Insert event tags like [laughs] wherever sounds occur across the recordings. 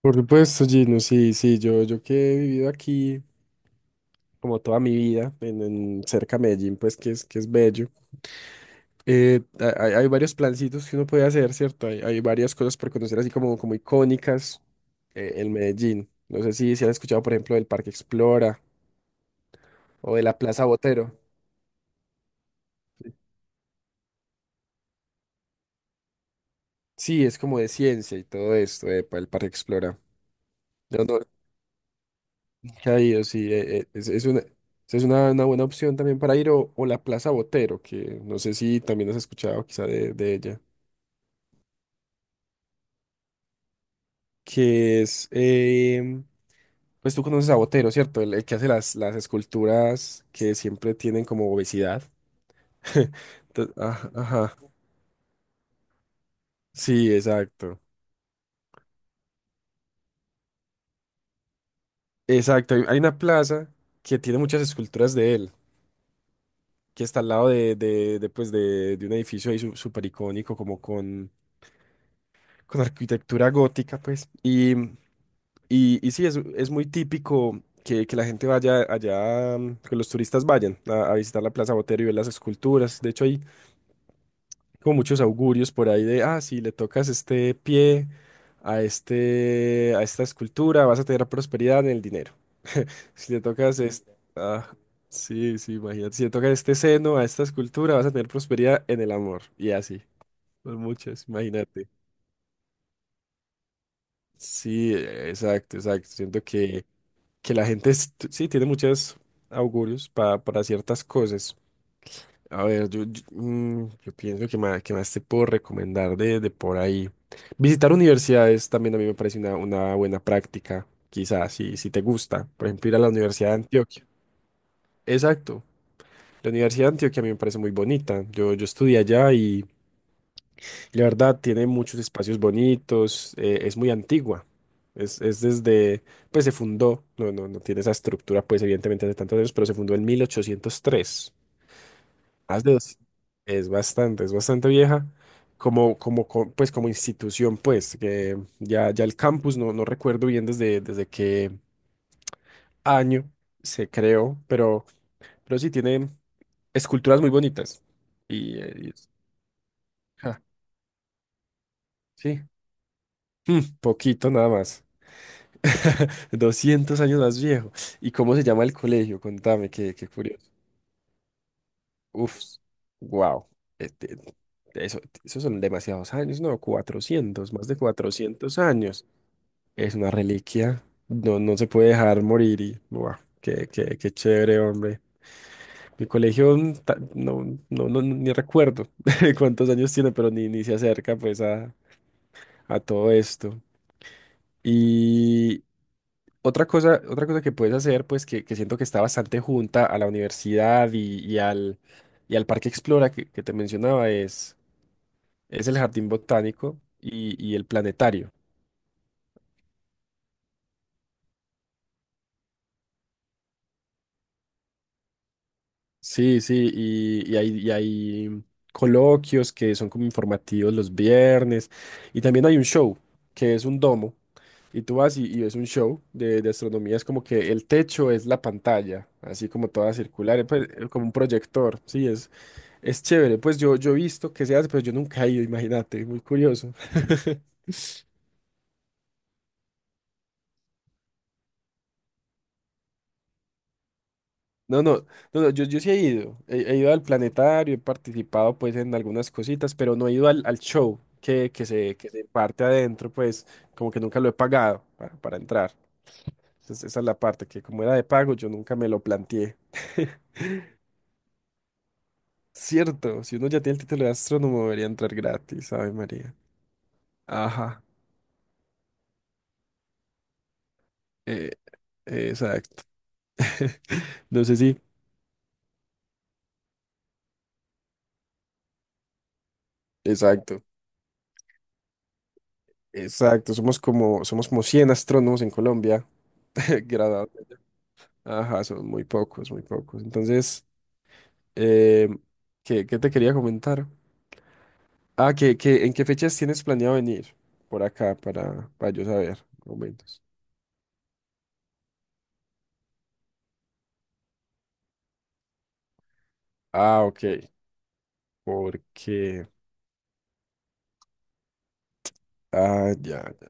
Por supuesto, Gino, sí, sí, yo que he vivido aquí como toda mi vida, en cerca de Medellín, pues que es bello. Hay varios plancitos que uno puede hacer, ¿cierto? Hay varias cosas por conocer así como icónicas en Medellín. No sé si han escuchado, por ejemplo, del Parque Explora o de la Plaza Botero. Sí, es como de ciencia y todo esto, epa, el Parque Explora. Yo no he ido, sí, Es una buena opción también para ir o la Plaza Botero, que no sé si también has escuchado quizá de ella. Que es, pues tú conoces a Botero, ¿cierto? El que hace las esculturas que siempre tienen como obesidad. [laughs] Entonces, ajá, ajá. Sí, exacto. Exacto, hay una plaza que tiene muchas esculturas de él, que está al lado de un edificio ahí súper icónico, como con arquitectura gótica, pues. Y sí, es muy típico que la gente vaya allá, mm, que los turistas vayan a visitar la Plaza Botero y ver las esculturas. De hecho, hay como muchos augurios por ahí de, ah, si le tocas este pie a a esta escultura, vas a tener prosperidad en el dinero. Si le tocas este, ah, sí, sí, imagínate, si le tocas este seno a esta escultura, vas a tener prosperidad en el amor. Y así, por muchas, imagínate. Sí, exacto, exacto. Siento que la gente sí tiene muchos augurios para ciertas cosas. A ver, yo pienso que que más te puedo recomendar de por ahí. Visitar universidades también a mí me parece una buena práctica, quizás, si te gusta. Por ejemplo, ir a la Universidad de Antioquia. Exacto. La Universidad de Antioquia a mí me parece muy bonita. Yo estudié allá y la verdad tiene muchos espacios bonitos. Es muy antigua. Es, es desde, pues se fundó, no tiene esa estructura, pues evidentemente hace tantos años, pero se fundó en 1803. Más de Es es bastante vieja. Pues, como institución, pues, ya el campus, no recuerdo bien desde qué año se creó, pero sí tiene esculturas muy bonitas. Y, eh, y es- Ja, sí. Mm, poquito nada más. [laughs] 200 años más viejo. ¿Y cómo se llama el colegio? Contame, qué curioso. Uf, wow. Este, esos son demasiados años, ¿no? 400, más de 400 años. Es una reliquia. No se puede dejar morir y, wow, qué chévere, hombre. Mi colegio, ni recuerdo [laughs] cuántos años tiene, pero ni se acerca, pues, a todo esto. Y otra cosa que puedes hacer, pues, que siento que está bastante junta a la universidad y al Parque Explora que te mencionaba es el jardín botánico y el planetario. Sí, sí, y hay coloquios que son como informativos los viernes. Y también hay un show que es un domo. Y tú vas y ves un show de astronomía. Es como que el techo es la pantalla, así como toda circular, pues, como un proyector. Sí, es chévere. Pues yo he visto que se hace, pero yo nunca he ido, imagínate, muy curioso. [laughs] No, no, no, no, yo sí he ido, he ido al planetario, he participado pues en algunas cositas, pero no he ido al, al show que se parte adentro, pues como que nunca lo he pagado para entrar. Entonces esa es la parte que como era de pago yo nunca me lo planteé. [laughs] Cierto, si uno ya tiene el título de astrónomo debería entrar gratis, ¿sabe María? Ajá, eh, exacto. [laughs] No sé si. Exacto, exacto, somos somos como 100 astrónomos en Colombia, [laughs] graduados. Ajá, son muy pocos, muy pocos. Entonces, eh, qué te quería comentar? Ah, ¿en qué fechas tienes planeado venir por acá para yo saber momentos? Ah, ok. Porque. Ah, ya, ya.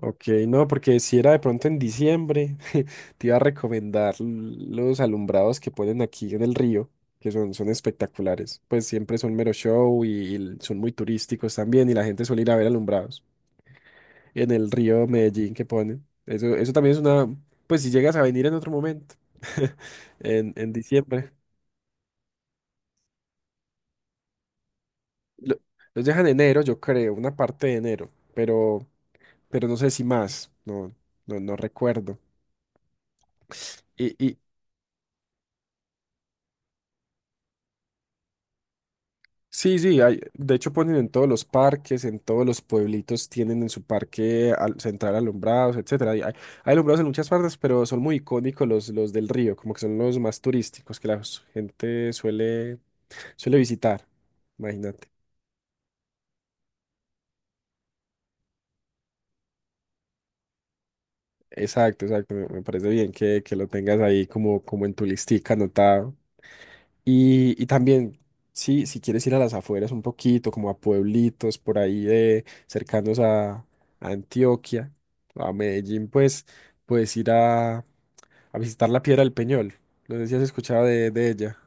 Ok, no, porque si era de pronto en diciembre, [laughs] te iba a recomendar los alumbrados que ponen aquí en el río, son espectaculares. Pues siempre son mero show y son muy turísticos también, y la gente suele ir a ver alumbrados en el río Medellín que ponen. Eso también es una, pues si llegas a venir en otro momento, [laughs] en diciembre. Lo- los dejan en enero, yo creo, una parte de enero, pero no sé si más, no, no, no recuerdo. Y sí, de hecho ponen en todos los parques, en todos los pueblitos tienen en su parque central alumbrados, etcétera. Hay alumbrados en muchas partes, pero son muy icónicos los del río, como que son los más turísticos que la gente suele suele visitar, imagínate. Exacto, exacto. Me parece bien que lo tengas ahí como en tu listica anotado. Y también, sí, si quieres ir a las afueras un poquito, como a pueblitos por ahí de cercanos a Antioquia, a Medellín, pues puedes ir a visitar la Piedra del Peñol. No sé si has escuchado de ella.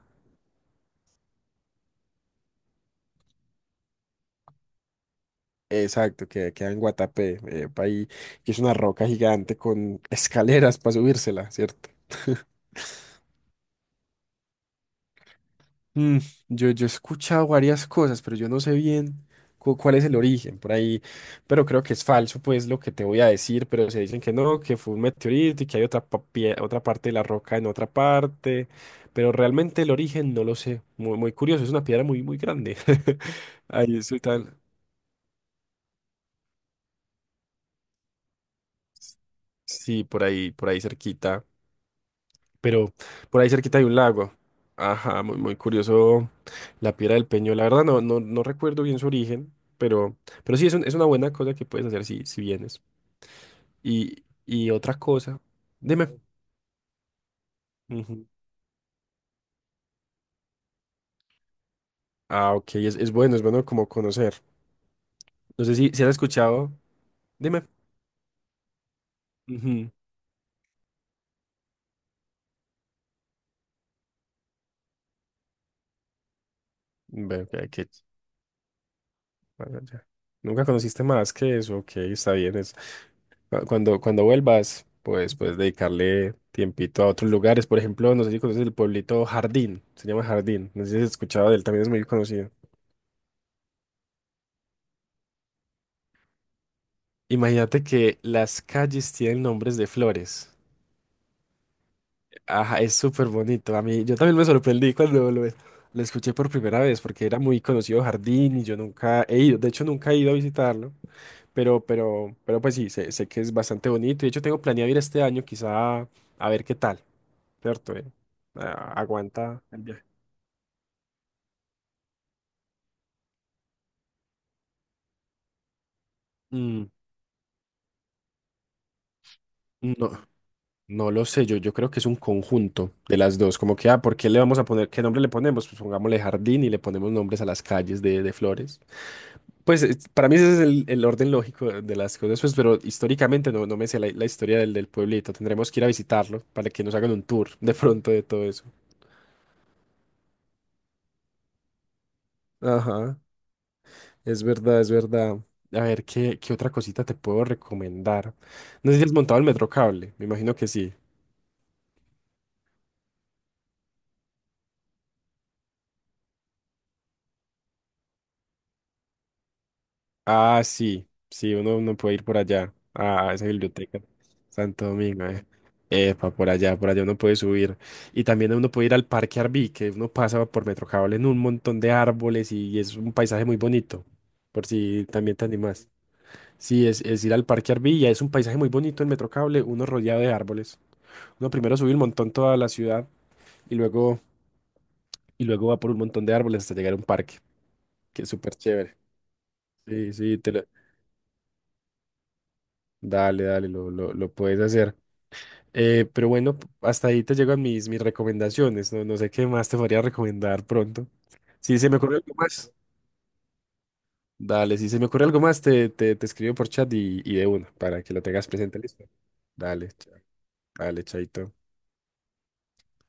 Exacto, que queda en Guatapé, pa' ahí, que es una roca gigante con escaleras para subírsela, ¿cierto? [laughs] Mm, yo he escuchado varias cosas, pero yo no sé bien cuál es el origen por ahí, pero creo que es falso, pues lo que te voy a decir, pero se dicen que no, que fue un meteorito y que hay otra, otra parte de la roca en otra parte, pero realmente el origen no lo sé, muy, muy curioso, es una piedra muy, muy grande. [laughs] Ahí estoy tan... Sí, por ahí cerquita. Pero por ahí cerquita hay un lago. Ajá, muy, muy curioso la piedra del Peñol. La verdad no recuerdo bien su origen, pero, pero sí es, es una buena cosa que puedes hacer si, si vienes. Y otra cosa, dime. Ujú. Ah, ok, es bueno como conocer. No sé si has escuchado, dime. Ujú. Ve, ok, qué bueno, ya. Nunca conociste más que eso, ok, está bien. Cuando, cuando vuelvas, pues puedes dedicarle tiempito a otros lugares. Por ejemplo, no sé si conoces el pueblito Jardín, se llama Jardín, no sé si has escuchado de él, también es muy conocido. Imagínate que las calles tienen nombres de flores. Ajá, es súper bonito. A mí, yo también me sorprendí cuando lo escuché por primera vez, porque era muy conocido Jardín y yo nunca he ido, de hecho nunca he ido a visitarlo. Pero pues sí, sé que es bastante bonito. De hecho, tengo planeado ir este año, quizá a ver qué tal, ¿cierto? Aguanta el viaje. Mm, no, no lo sé. Yo creo que es un conjunto de las dos. Como que, ah, ¿por qué le vamos a poner? ¿Qué nombre le ponemos? Pues pongámosle jardín y le ponemos nombres a las calles de flores. Pues para mí ese es el orden lógico de las cosas, pues, pero históricamente no, no me sé la historia del pueblito. Tendremos que ir a visitarlo para que nos hagan un tour de pronto de todo eso. Ajá. Es verdad, es verdad. A ver, qué otra cosita te puedo recomendar? No sé si has montado el metro cable, me imagino que sí. Ah, sí, sí, uno puede ir por allá, a esa biblioteca, Santo Domingo, eh. Epa, por allá uno puede subir. Y también uno puede ir al Parque Arví, que uno pasa por metro cable en un montón de árboles y es un paisaje muy bonito, por si también te animas. Sí, es ir al Parque Arví, y es un paisaje muy bonito en metro cable, uno rodeado de árboles. Uno primero sube un montón toda la ciudad y luego y luego va por un montón de árboles hasta llegar a un parque, que es súper chévere. Sí, dale, dale, lo puedes hacer. Pero bueno, hasta ahí te llegan mis, mis recomendaciones, no, no sé qué más te podría recomendar pronto. Si se me ocurre algo más, dale, si se me ocurre algo más, te escribo por chat y de una, para que lo tengas presente, listo. Dale, dale, chaito.